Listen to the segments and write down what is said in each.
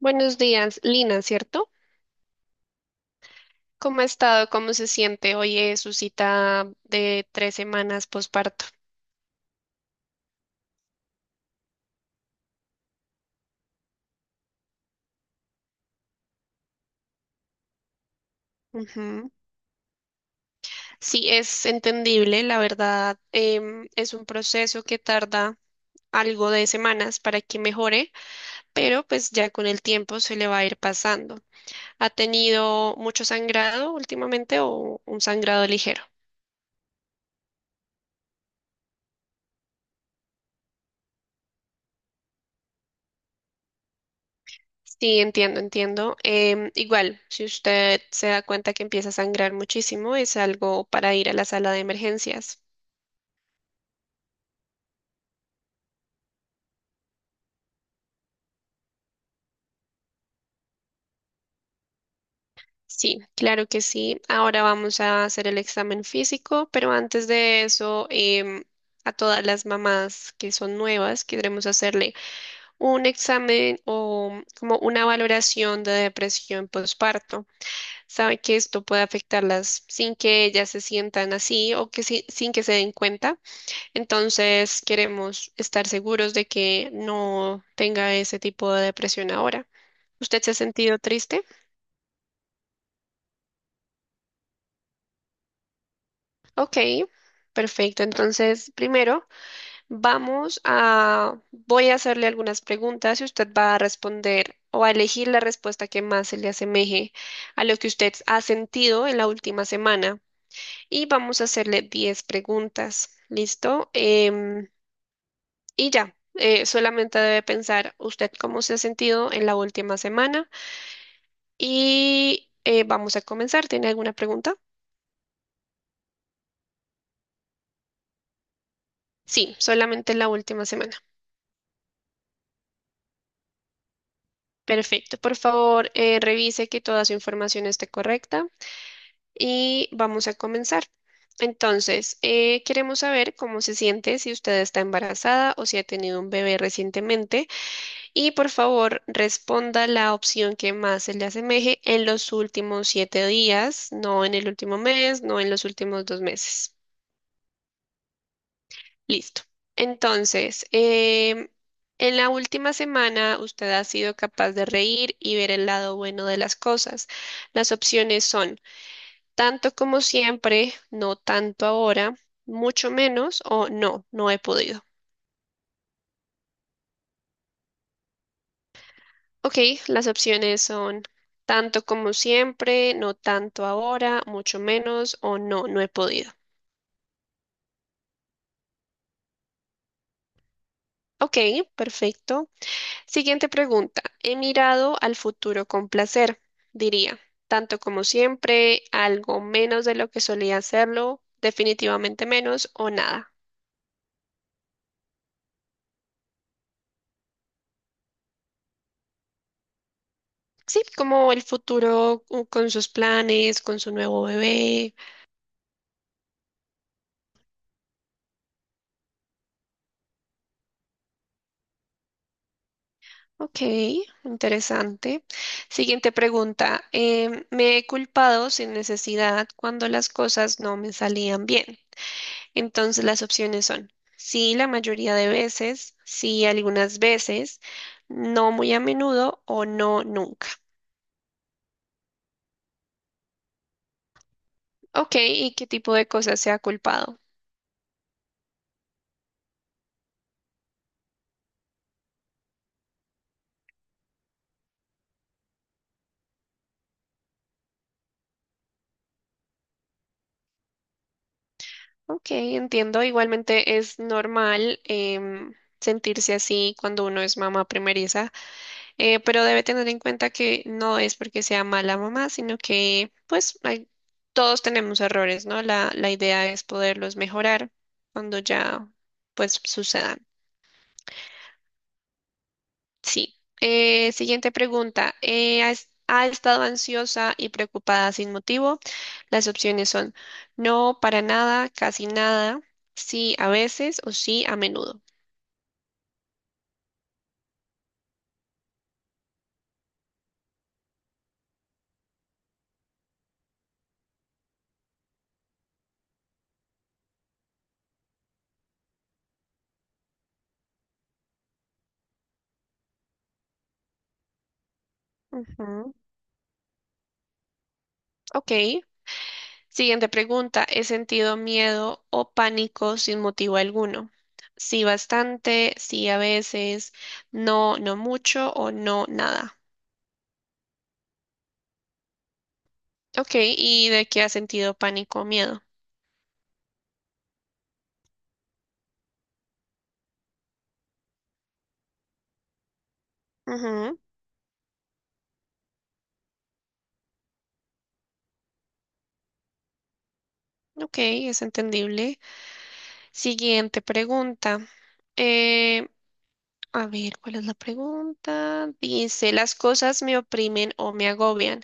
Buenos días, Lina, ¿cierto? ¿Cómo ha estado? ¿Cómo se siente? Hoy es su cita de 3 semanas posparto. Ujú. Sí, es entendible, la verdad, es un proceso que tarda algo de semanas para que mejore, pero pues ya con el tiempo se le va a ir pasando. ¿Ha tenido mucho sangrado últimamente o un sangrado ligero? Sí, entiendo, entiendo. Igual, si usted se da cuenta que empieza a sangrar muchísimo, es algo para ir a la sala de emergencias. Sí, claro que sí. Ahora vamos a hacer el examen físico, pero antes de eso, a todas las mamás que son nuevas, queremos hacerle un examen o como una valoración de depresión postparto. Sabe que esto puede afectarlas sin que ellas se sientan así o que si- sin que se den cuenta. Entonces, queremos estar seguros de que no tenga ese tipo de depresión ahora. ¿Usted se ha sentido triste? Ok, perfecto. Entonces, primero vamos a, voy a hacerle algunas preguntas y usted va a responder o a elegir la respuesta que más se le asemeje a lo que usted ha sentido en la última semana. Y vamos a hacerle 10 preguntas. ¿Listo? Y ya, solamente debe pensar usted cómo se ha sentido en la última semana. Y vamos a comenzar. ¿Tiene alguna pregunta? Sí, solamente la última semana. Perfecto. Por favor, revise que toda su información esté correcta y vamos a comenzar. Entonces, queremos saber cómo se siente si usted está embarazada o si ha tenido un bebé recientemente y por favor responda la opción que más se le asemeje en los últimos 7 días, no en el último mes, no en los últimos 2 meses. Listo. Entonces, en la última semana usted ha sido capaz de reír y ver el lado bueno de las cosas. Las opciones son tanto como siempre, no tanto ahora, mucho menos o no, no he podido. Ok, las opciones son tanto como siempre, no tanto ahora, mucho menos o no, no he podido. Ok, perfecto. Siguiente pregunta. He mirado al futuro con placer, diría, tanto como siempre, algo menos de lo que solía hacerlo, definitivamente menos o nada. Sí, como el futuro con sus planes, con su nuevo bebé. Ok, interesante. Siguiente pregunta. Me he culpado sin necesidad cuando las cosas no me salían bien. Entonces las opciones son sí la mayoría de veces, sí algunas veces, no muy a menudo o no nunca. Ok, ¿y qué tipo de cosas se ha culpado? Ok, entiendo. Igualmente es normal sentirse así cuando uno es mamá primeriza, pero debe tener en cuenta que no es porque sea mala mamá, sino que pues todos tenemos errores, ¿no? La idea es poderlos mejorar cuando ya pues sucedan. Sí. Siguiente pregunta. ¿Ha estado ansiosa y preocupada sin motivo? Las opciones son no, para nada, casi nada, sí a veces o sí a menudo. Ujú. Ok. Siguiente pregunta, ¿he sentido miedo o pánico sin motivo alguno? Sí, bastante, sí, a veces, no, no mucho o no, nada. Ok, ¿y de qué has sentido pánico o miedo? Ujú, ok, es entendible. Siguiente pregunta. Eh, a ver, ¿cuál es la pregunta? Dice, ¿las cosas me oprimen o me agobian?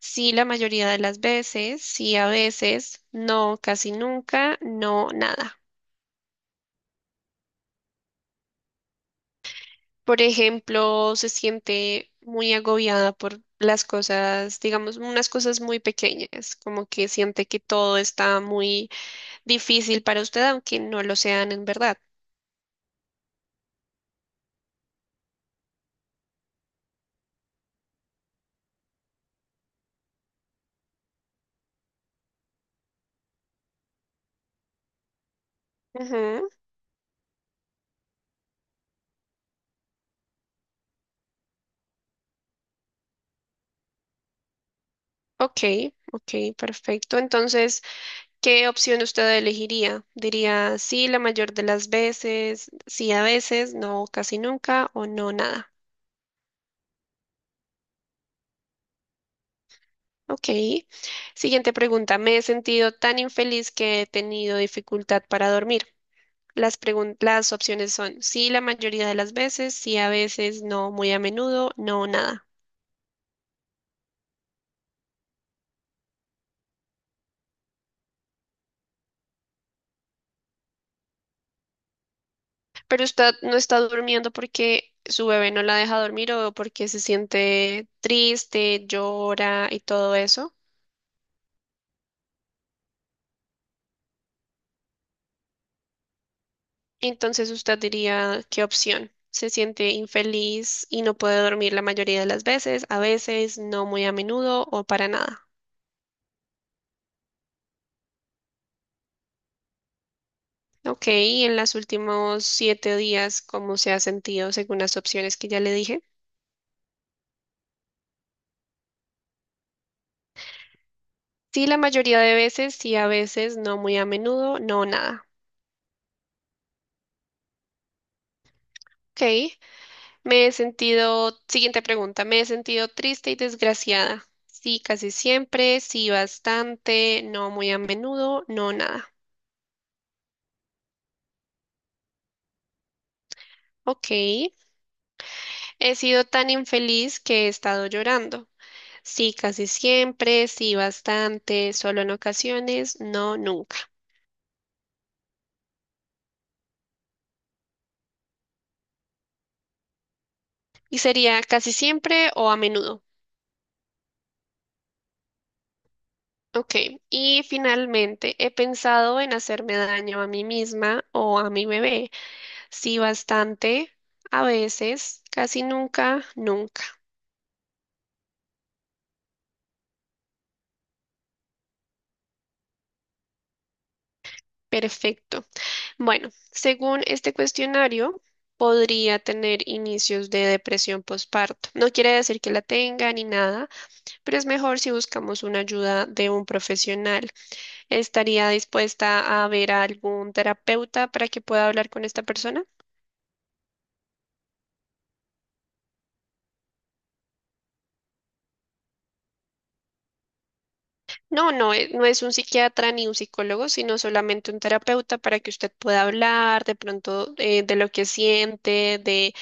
Sí, la mayoría de las veces, sí, a veces, no, casi nunca, no, nada. Por ejemplo, se siente muy agobiada por las cosas, digamos, unas cosas muy pequeñas, como que siente que todo está muy difícil para usted, aunque no lo sean en verdad. Ujú. Ok, ok, perfecto. Entonces, ¿qué opción usted elegiría? ¿Diría sí la mayor de las veces, sí a veces, no casi nunca o no nada? Ok. Siguiente pregunta. Me he sentido tan infeliz que he tenido dificultad para dormir. Las opciones son sí la mayoría de las veces, sí a veces, no muy a menudo, no nada. Pero usted no está durmiendo porque su bebé no la deja dormir o porque se siente triste, llora y todo eso. Entonces usted diría, ¿qué opción? Se siente infeliz y no puede dormir la mayoría de las veces, a veces, no muy a menudo o para nada. Ok, y en los últimos siete días, ¿cómo se ha sentido según las opciones que ya le dije? Sí, la mayoría de veces, sí, a veces, no muy a menudo, no nada. Ok, me he sentido, siguiente pregunta, me he sentido triste y desgraciada. Sí, casi siempre, sí, bastante, no muy a menudo, no nada. Ok, he sido tan infeliz que he estado llorando. Sí, casi siempre, sí, bastante, solo en ocasiones, no nunca. ¿Y sería casi siempre o a menudo? Ok, y finalmente he pensado en hacerme daño a mí misma o a mi bebé. Sí, bastante, a veces, casi nunca, nunca. Perfecto. Bueno, según este cuestionario, podría tener inicios de depresión postparto. No quiere decir que la tenga ni nada, pero es mejor si buscamos una ayuda de un profesional. ¿Estaría dispuesta a ver a algún terapeuta para que pueda hablar con esta persona? No, no, no es un psiquiatra ni un psicólogo, sino solamente un terapeuta para que usted pueda hablar de pronto de lo que siente, de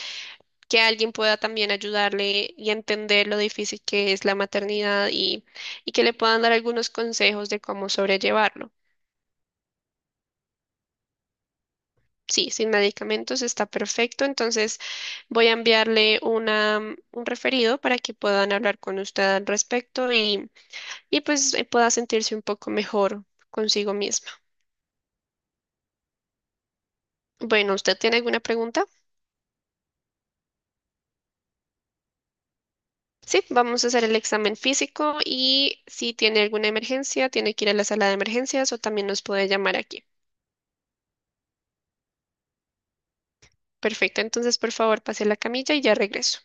que alguien pueda también ayudarle y entender lo difícil que es la maternidad y que le puedan dar algunos consejos de cómo sobrellevarlo. Sí, sin medicamentos está perfecto, entonces voy a enviarle una, un referido para que puedan hablar con usted al respecto y pues pueda sentirse un poco mejor consigo mismo. Bueno, ¿usted tiene alguna pregunta? Sí, vamos a hacer el examen físico y si tiene alguna emergencia, tiene que ir a la sala de emergencias o también nos puede llamar aquí. Perfecto, entonces por favor pase a la camilla y ya regreso.